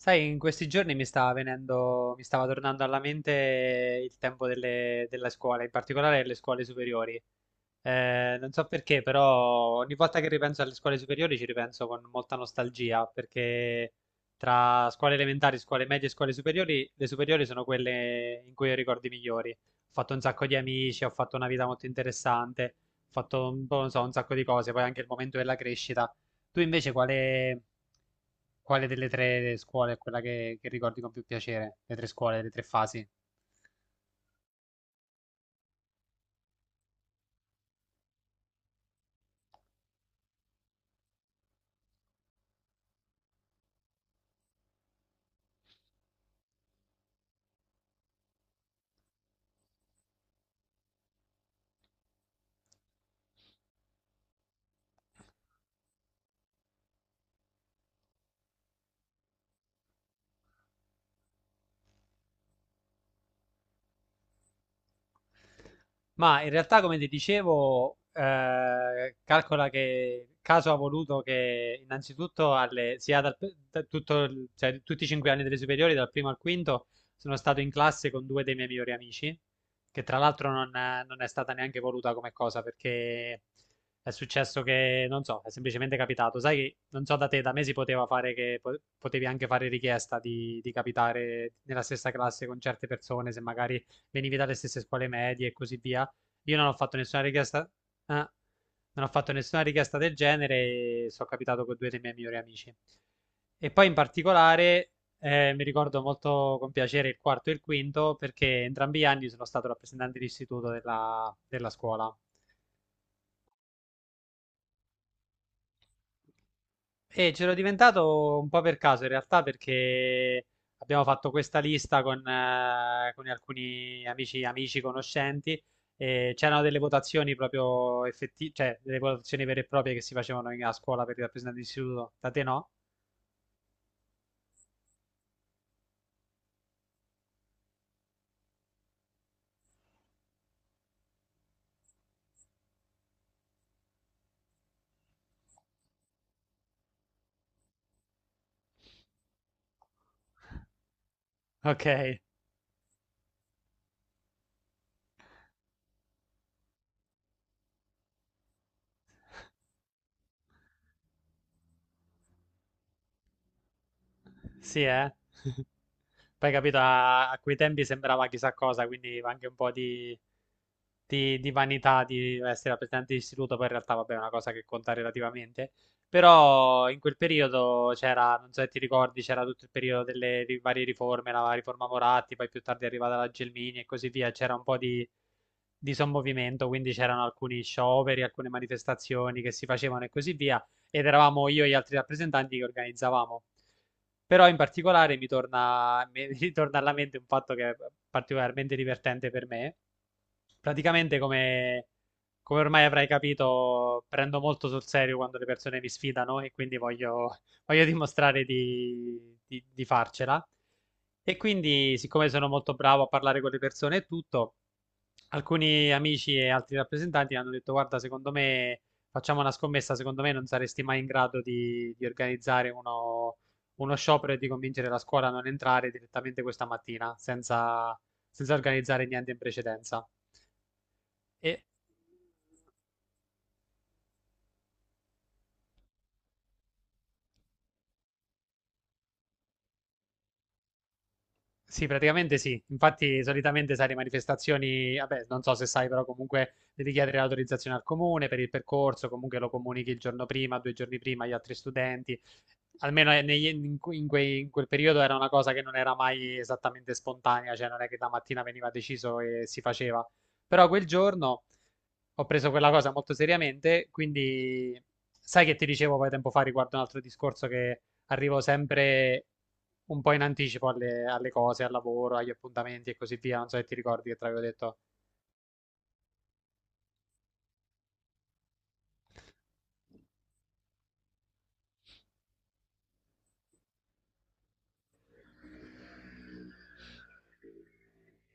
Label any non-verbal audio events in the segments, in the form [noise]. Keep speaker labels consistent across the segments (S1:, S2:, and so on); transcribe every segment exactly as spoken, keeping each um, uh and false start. S1: Sai, in questi giorni mi stava venendo, mi stava tornando alla mente il tempo delle, della scuola, in particolare le scuole superiori. Eh, non so perché, però ogni volta che ripenso alle scuole superiori ci ripenso con molta nostalgia, perché tra scuole elementari, scuole medie e scuole superiori, le superiori sono quelle in cui ho i ricordi migliori. Ho fatto un sacco di amici, ho fatto una vita molto interessante, ho fatto un po', non so, un sacco di cose, poi anche il momento della crescita. Tu invece quale, quale delle tre scuole è quella che, che ricordi con più piacere? Le tre scuole, le tre fasi? Ma in realtà, come ti dicevo, eh, calcola che caso ha voluto che innanzitutto alle- sia dal, da tutto il- cioè, tutti i cinque anni delle superiori, dal primo al quinto, sono stato in classe con due dei miei migliori amici, che tra l'altro non, non è stata neanche voluta come cosa, perché è successo che, non so, è semplicemente capitato. Sai che, non so da te, da me si poteva fare che po- potevi anche fare richiesta di, di capitare nella stessa classe con certe persone, se magari venivi dalle stesse scuole medie e così via. Io non ho fatto nessuna richiesta, ah, non ho fatto nessuna richiesta del genere e sono capitato con due dei miei migliori amici. E poi in particolare eh, mi ricordo molto con piacere il quarto e il quinto perché entrambi gli anni sono stato rappresentante d'istituto della, della scuola. E c'ero diventato un po' per caso in realtà perché abbiamo fatto questa lista con, eh, con alcuni amici, amici, conoscenti e c'erano delle votazioni proprio effettive, cioè delle votazioni vere e proprie che si facevano in- a scuola per i rappresentanti di istituto. Da te no? Ok, sì, eh. [laughs] Poi capito, a, a quei tempi sembrava chissà cosa, quindi anche un po' di, di, di vanità di essere al presidente di istituto, poi in realtà vabbè è una cosa che conta relativamente. Però in quel periodo c'era, non so se ti ricordi, c'era tutto il periodo delle ri- varie riforme, la riforma Moratti, poi più tardi è arrivata la Gelmini e così via, c'era un po' di, di sommovimento, quindi c'erano alcuni scioperi, alcune manifestazioni che si facevano e così via ed eravamo io e gli altri rappresentanti che organizzavamo. Però in particolare mi torna, [laughs] mi ritorna alla mente un fatto che è particolarmente divertente per me. Praticamente, come, come ormai avrai capito, prendo molto sul serio quando le persone mi sfidano e quindi voglio, [laughs] voglio dimostrare di, di- di farcela. E quindi, siccome sono molto bravo a parlare con le persone e tutto, alcuni amici e altri rappresentanti hanno detto: Guarda, secondo me facciamo una scommessa, secondo me non saresti mai in grado di, di organizzare uno, uno sciopero e di convincere la scuola a non entrare direttamente questa mattina senza senza organizzare niente in precedenza. E... Sì, praticamente sì. Infatti, solitamente sai, le manifestazioni, vabbè, non so se sai, però comunque devi chiedere l'autorizzazione al comune per il percorso, comunque lo comunichi il giorno prima, due giorni prima agli altri studenti. Almeno eh, negli- in, que- in quei- in quel periodo era una cosa che non era mai esattamente spontanea, cioè non è che la mattina veniva deciso e si faceva. Però quel giorno ho preso quella cosa molto seriamente, quindi sai che ti dicevo poi tempo fa riguardo un altro discorso che arrivo sempre un po' in anticipo alle, alle cose, al lavoro, agli appuntamenti e così via. Non so se ti ricordi che te l'avevo detto.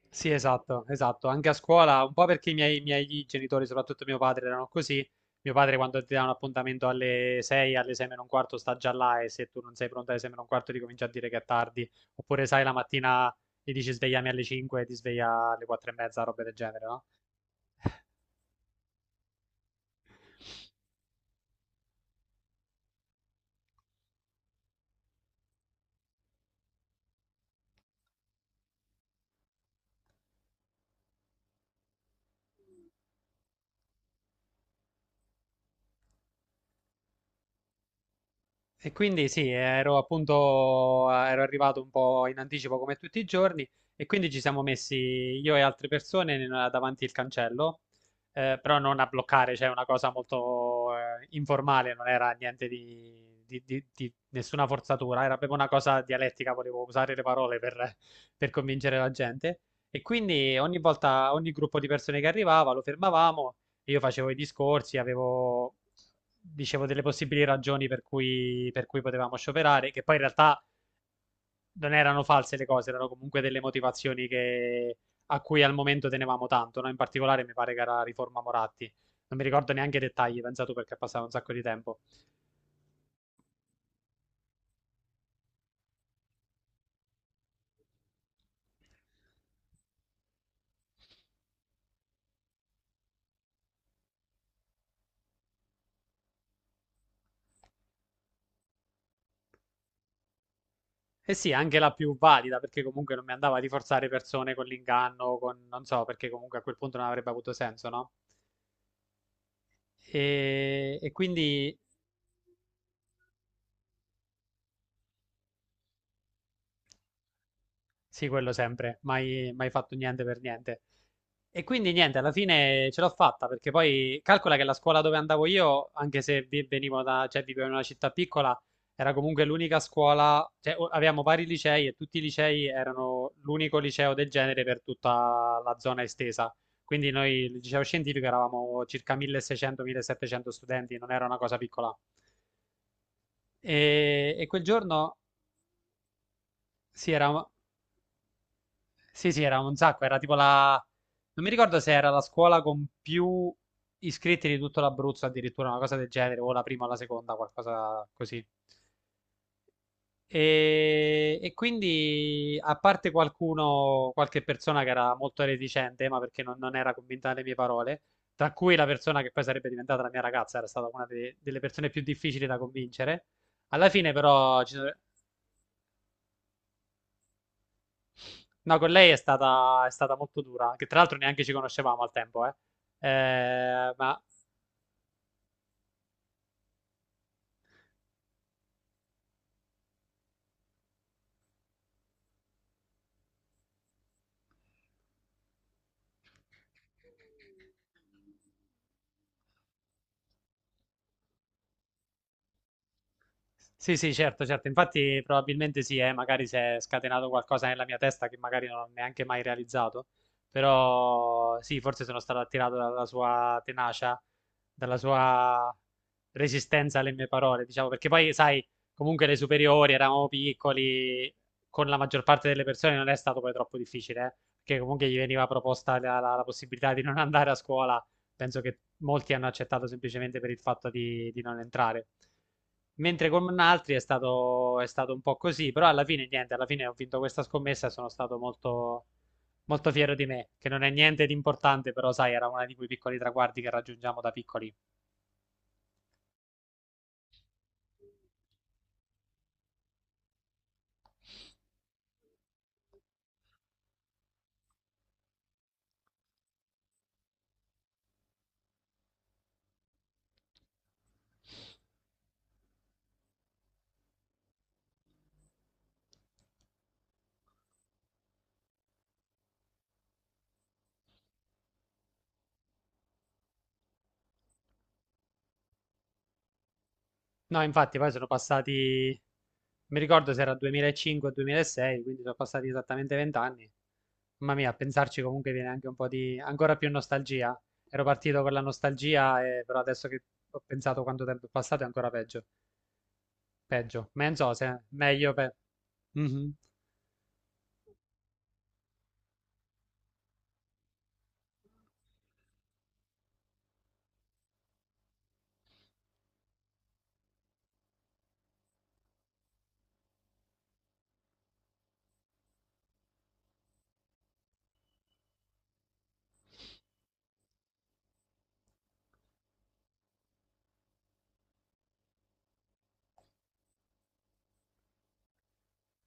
S1: Sì, esatto, esatto. Anche a scuola, un po' perché i miei, i miei genitori, soprattutto mio padre, erano così. Mio padre quando ti dà un appuntamento alle sei, alle sei meno un quarto sta già là e se tu non sei pronta alle sei meno un quarto ti comincia a dire che è tardi. Oppure sai, la mattina gli dici svegliami alle cinque e ti sveglia alle quattro e mezza, roba del genere, no? E quindi sì, ero appunto, ero arrivato un po' in anticipo come tutti i giorni e quindi ci siamo messi io e altre persone in- davanti il cancello, eh, però non a bloccare, cioè una cosa molto eh, informale, non era niente di, di- di- di nessuna forzatura, era proprio una cosa dialettica, volevo usare le parole per, per convincere la gente. E quindi ogni volta, ogni gruppo di persone che arrivava lo fermavamo, io facevo i discorsi, avevo, dicevo delle possibili ragioni per cui, per cui potevamo scioperare, che poi in realtà non erano false le cose, erano comunque delle motivazioni che, a cui al momento tenevamo tanto, no? In particolare mi pare che era riforma Moratti. Non mi ricordo neanche i dettagli, pensato perché è passato un sacco di tempo. E sì, anche la più valida, perché comunque non mi andava di forzare persone con l'inganno, con non so, perché comunque a quel punto non avrebbe avuto senso, no? E, e quindi sì, quello sempre, mai, mai fatto niente per niente. E quindi niente, alla fine ce l'ho fatta perché poi calcola che la scuola dove andavo io, anche se vi- venivo da, cioè vivevo in una città piccola, era comunque l'unica scuola, cioè o- avevamo vari licei e tutti i licei erano l'unico liceo del genere per tutta la zona estesa. Quindi noi, il liceo scientifico, eravamo circa milleseicento-millesettecento studenti, non era una cosa piccola. E, e quel giorno, sì, era Sì, sì, era un sacco, era tipo la... Non mi ricordo se era la scuola con più iscritti di tutto l'Abruzzo, addirittura una cosa del genere, o la prima o la seconda, qualcosa così. E, e quindi, a parte qualcuno, qualche persona che era molto reticente, ma perché non, non era convinta delle mie parole, tra cui la persona che poi sarebbe diventata la mia ragazza, era stata una de- delle persone più difficili da convincere. Alla fine, però, ci so- no, con lei è stata, è stata molto dura, che tra l'altro neanche ci conoscevamo al tempo, eh. Eh, ma sì, sì, certo, certo. Infatti, probabilmente sì, eh, magari si è scatenato qualcosa nella mia testa che magari non ho neanche mai realizzato. Però sì, forse sono stato attirato dalla sua tenacia, dalla sua resistenza alle mie parole, diciamo, perché poi, sai, comunque le superiori eravamo piccoli, con la maggior parte delle persone non è stato poi troppo difficile, eh, perché comunque gli veniva proposta la, la la possibilità di non andare a scuola, penso che molti hanno accettato semplicemente per il fatto di, di non entrare. Mentre con altri è stato, è stato un po' così, però alla fine niente, alla fine ho vinto questa scommessa e sono stato molto, molto fiero di me, che non è niente di importante, però sai, era uno di quei piccoli traguardi che raggiungiamo da piccoli. No, infatti poi sono passati, mi ricordo se era duemilacinque-duemilasei, quindi sono passati esattamente vent'anni. Mamma mia, a pensarci comunque viene anche un po' di, ancora più nostalgia. Ero partito con la nostalgia, e- però adesso che ho pensato quanto tempo è passato è ancora peggio. Peggio, ma non so se è meglio. Pe... Mhm.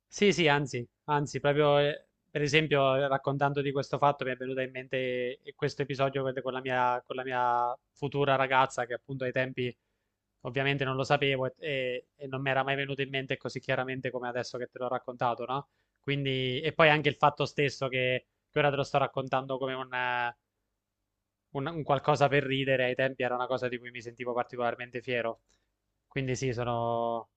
S1: Sì, sì, anzi, anzi, proprio eh, per esempio eh, raccontando di questo fatto mi è venuta in mente eh, questo episodio con con la mia, con la mia futura ragazza che appunto ai tempi ovviamente non lo sapevo e, e- e non mi era mai venuto in mente così chiaramente come adesso che te l'ho raccontato, no? Quindi, e poi anche il fatto stesso che, che ora te lo sto raccontando come un, eh, un- un qualcosa per ridere, ai tempi era una cosa di cui mi sentivo particolarmente fiero. Quindi sì, sono...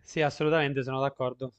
S1: Sì, assolutamente sono d'accordo.